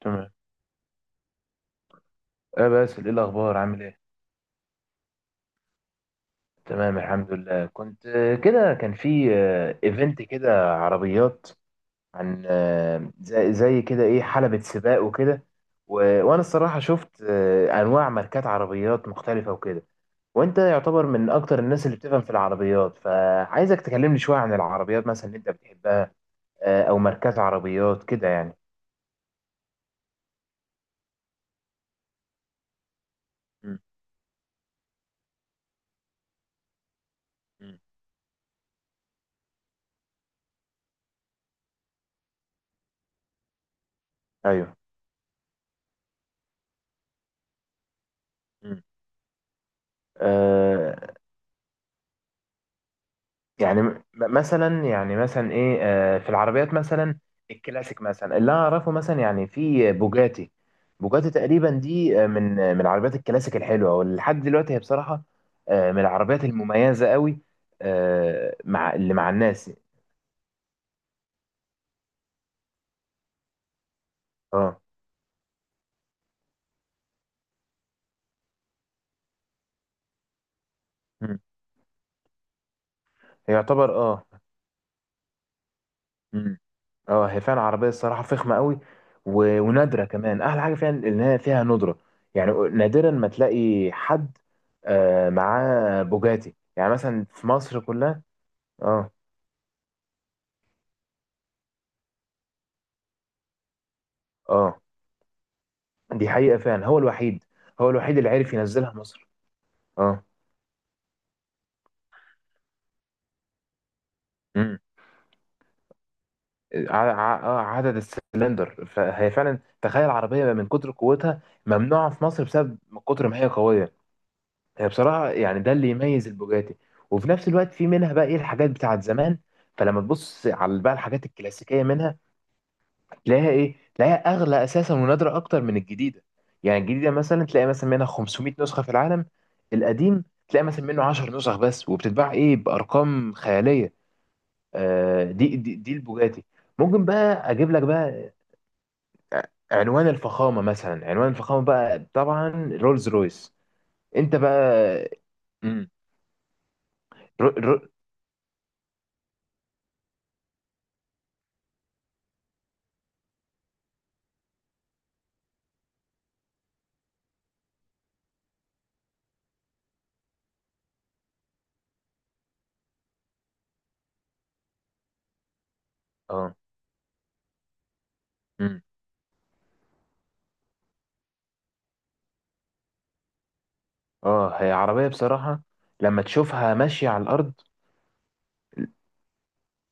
تمام. اه باسل، ايه الاخبار؟ عامل ايه؟ تمام، الحمد لله. كنت كده كان في ايفنت كده، عربيات عن زي كده ايه، حلبة سباق وكده. وانا الصراحة شفت انواع ماركات عربيات مختلفة وكده. وانت يعتبر من اكتر الناس اللي بتفهم في العربيات، فعايزك تكلمني شوية عن العربيات مثلا اللي انت بتحبها، او ماركات عربيات كده يعني. م- م. ايوه. مم. يعني مثلا، يعني مثلا ايه في العربيات مثلا الكلاسيك، مثلا اللي أنا اعرفه مثلا، يعني في بوجاتي. بوجاتي تقريبا دي من العربيات الكلاسيك الحلوه، ولحد دلوقتي هي بصراحه من العربيات المميزه قوي مع اللي مع الناس. اه. مم. هي يعتبر اه. مم. اه هي فعلا عربيه الصراحه فخمه قوي، ونادره كمان. احلى حاجه فيها ان هي فيها ندره، يعني نادرا ما تلاقي حد آه معاه بوجاتي، يعني مثلا في مصر كلها. اه. اه دي حقيقه فعلا هو الوحيد هو الوحيد اللي عرف ينزلها مصر اه امم ع... ع... آه، عدد السلندر فهي فعلا تخيل عربيه من كتر قوتها ممنوعه في مصر بسبب من كتر ما هي قويه هي بصراحة يعني ده اللي يميز البوجاتي وفي نفس الوقت في منها بقى ايه الحاجات بتاعت زمان فلما تبص على بقى الحاجات الكلاسيكية منها تلاقيها ايه تلاقيها اغلى اساسا ونادرة اكتر من الجديدة يعني الجديدة مثلا تلاقي مثلا منها 500 نسخة في العالم القديم تلاقي مثلا منه 10 نسخ بس وبتتباع ايه بارقام خيالية آه دي دي البوجاتي. ممكن بقى اجيب لك بقى عنوان الفخامة، مثلا عنوان الفخامة بقى طبعا رولز رويس. انت بقى. مم. رو... رو... اه. مم. اه هي عربية بصراحة لما تشوفها ماشية على الأرض،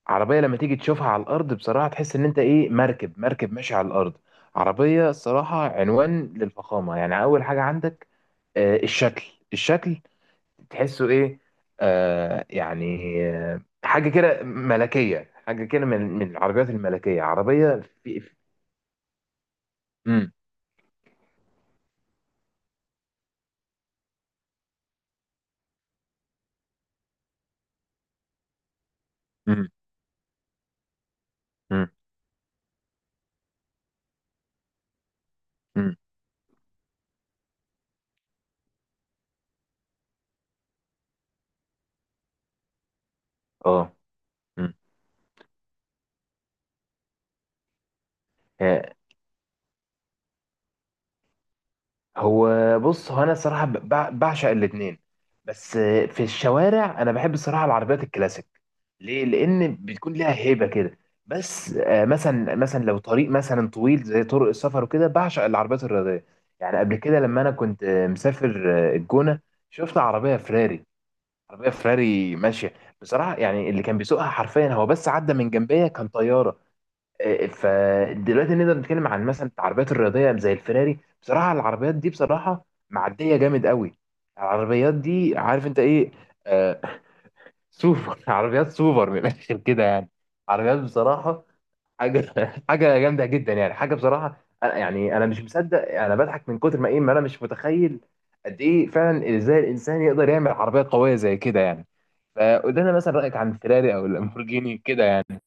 عربية لما تيجي تشوفها على الأرض بصراحة تحس إن أنت إيه، مركب، مركب ماشي على الأرض. عربية الصراحة عنوان للفخامة، يعني أول حاجة عندك الشكل، الشكل تحسه إيه، آه يعني حاجة كده ملكية، حاجة كده من العربيات الملكية، عربية مم. مم. مم. مم. اه. مم. هو، بص انا الصراحه بعشق الاثنين، بس في الشوارع انا بحب الصراحه العربيات الكلاسيك، ليه؟ لان بتكون ليها هيبه كده. بس مثلا لو طريق مثلا طويل زي طرق السفر وكده، بعشق العربيات الرياضيه. يعني قبل كده لما انا كنت مسافر الجونه، شفت عربيه فراري، عربيه فراري ماشيه، بصراحه يعني اللي كان بيسوقها حرفيا، هو بس عدى من جنبيا كان طياره. فدلوقتي نقدر نتكلم عن مثلا العربيات الرياضيه زي الفيراري. بصراحه العربيات دي بصراحه معديه جامد قوي. العربيات دي عارف انت ايه؟ آه سوبر، عربيات سوبر من الاخر كده يعني. عربيات بصراحه حاجه، حاجه جامده جدا يعني، حاجه بصراحه أنا يعني، انا مش مصدق، انا بضحك من كتر ما ايه، ما انا مش متخيل قد ايه فعلا ازاي الانسان يقدر يعمل عربيه قويه زي كده يعني. فقلنا مثلا رايك عن الفيراري او اللامبورجيني كده يعني.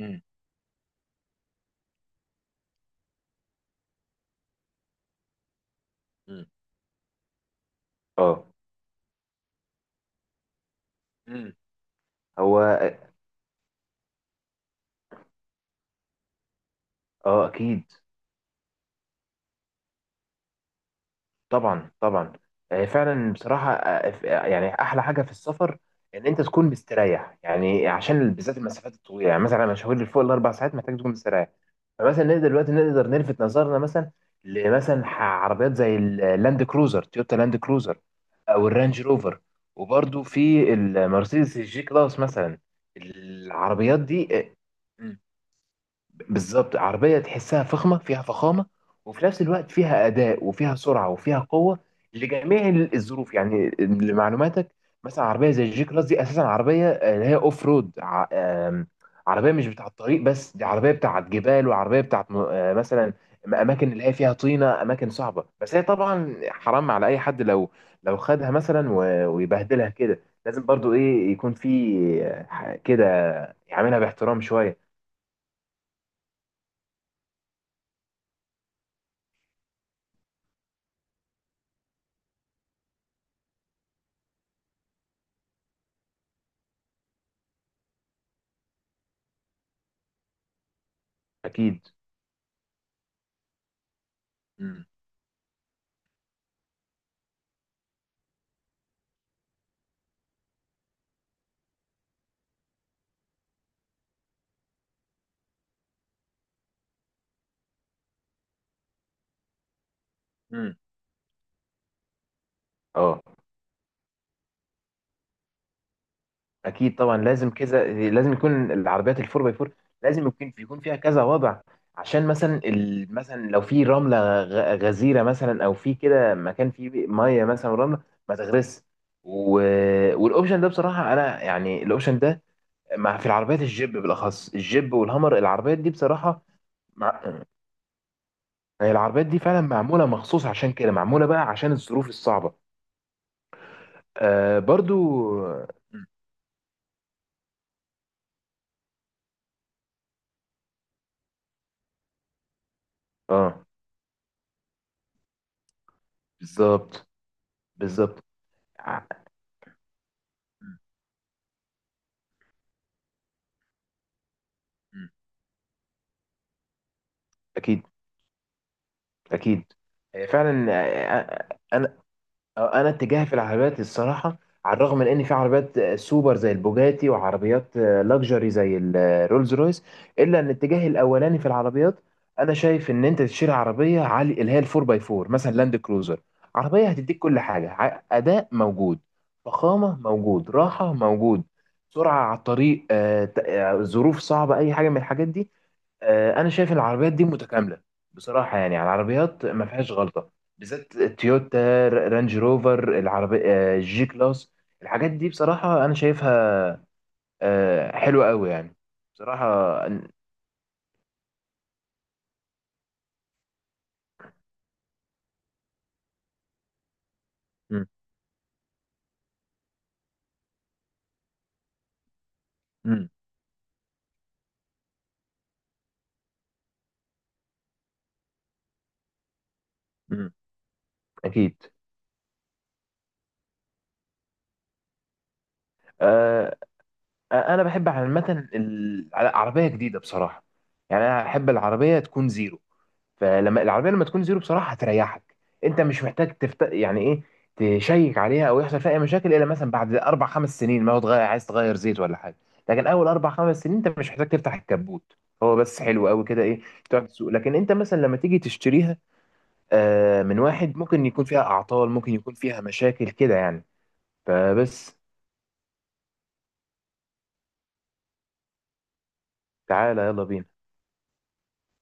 امم. امم. اه. مم. هو اه، اكيد، طبعا طبعا. آه، فعلا بصراحه آه، آه، ف- آه، يعني احلى حاجه في السفر ان انت تكون مستريح، يعني عشان بالذات المسافات الطويله، يعني مثلا المشاوير اللي فوق الـ 4 ساعات محتاج تكون مستريح. فمثلا نقدر دلوقتي، نقدر نلفت نظرنا مثلا لمثلا عربيات زي اللاند كروزر، تويوتا لاند كروزر، او الرانج روفر، وبرده في المرسيدس الجي كلاس مثلا. العربيات دي آه، بالظبط عربية تحسها فخمة، فيها فخامة، وفي نفس الوقت فيها أداء وفيها سرعة وفيها قوة لجميع الظروف. يعني لمعلوماتك مثلا عربية زي الجي كلاس دي أساسا عربية اللي هي أوف رود، ع- آم، عربية مش بتاعة الطريق بس، دي عربية بتاعة جبال، وعربية بتاعة مثلا أماكن اللي هي فيها طينة، أماكن صعبة. بس هي طبعا حرام على أي حد لو لو خدها مثلا ويبهدلها كده، لازم برضو إيه، يكون في كده، يعملها باحترام شوية. أكيد. مم. امم. اه اكيد طبعا، لازم كذا، لازم يكون العربيات الفور باي فور، لازم يكون، يكون فيها كذا وضع، عشان مثلا مثلا لو في رمله غزيره مثلا، او في كده مكان فيه ميه مثلا ورمله، ما تغرس. و... والاوبشن ده بصراحه، انا يعني الاوبشن ده مع في العربيات الجيب بالاخص، الجيب والهامر، العربيات دي بصراحه مع... هي العربيات دي فعلا معموله مخصوص عشان كده، معموله بقى عشان الظروف الصعبه برضو. اه. بالظبط، بالظبط. ع- مم. اكيد، اكيد. آه، فعلا آه، آه، انا آه، انا اتجاهي في العربيات الصراحه، على الرغم من ان في عربيات سوبر زي البوجاتي، وعربيات لكجري زي الرولز رويس، الا ان اتجاهي الاولاني في العربيات، انا شايف ان انت تشتري عربيه عالي اللي هي الفور باي فور، مثلا لاند كروزر، عربيه هتديك كل حاجه، اداء موجود، فخامه موجود، راحه موجود، سرعه على الطريق ظروف صعبه، اي حاجه من الحاجات دي. انا شايف العربيات دي متكامله، بصراحه يعني على العربيات ما فيهاش غلطه، بالذات تويوتا، رانج روفر، العربي جي كلاس. الحاجات دي بصراحه انا شايفها حلوه قوي يعني. بصراحه أن- مم، مم، مم، اكيد. آه، انا بحب عامه عربيه جديده بصراحه، يعني انا احب العربيه تكون زيرو. فلما العربيه لما تكون زيرو بصراحه هتريحك، انت مش محتاج يعني ايه، تشيك عليها او يحصل فيها اي مشاكل، الا مثلا بعد 4 أو 5 سنين، ما هو تغير، عايز تغير زيت ولا حاجه. لكن اول 4 أو 5 سنين انت مش محتاج تفتح الكبوت، هو بس حلو قوي كده ايه، تقعد تسوق. لكن انت مثلا لما تيجي تشتريها من واحد، ممكن يكون فيها اعطال، ممكن يكون فيها مشاكل كده يعني. فبس. تعالى يلا بينا.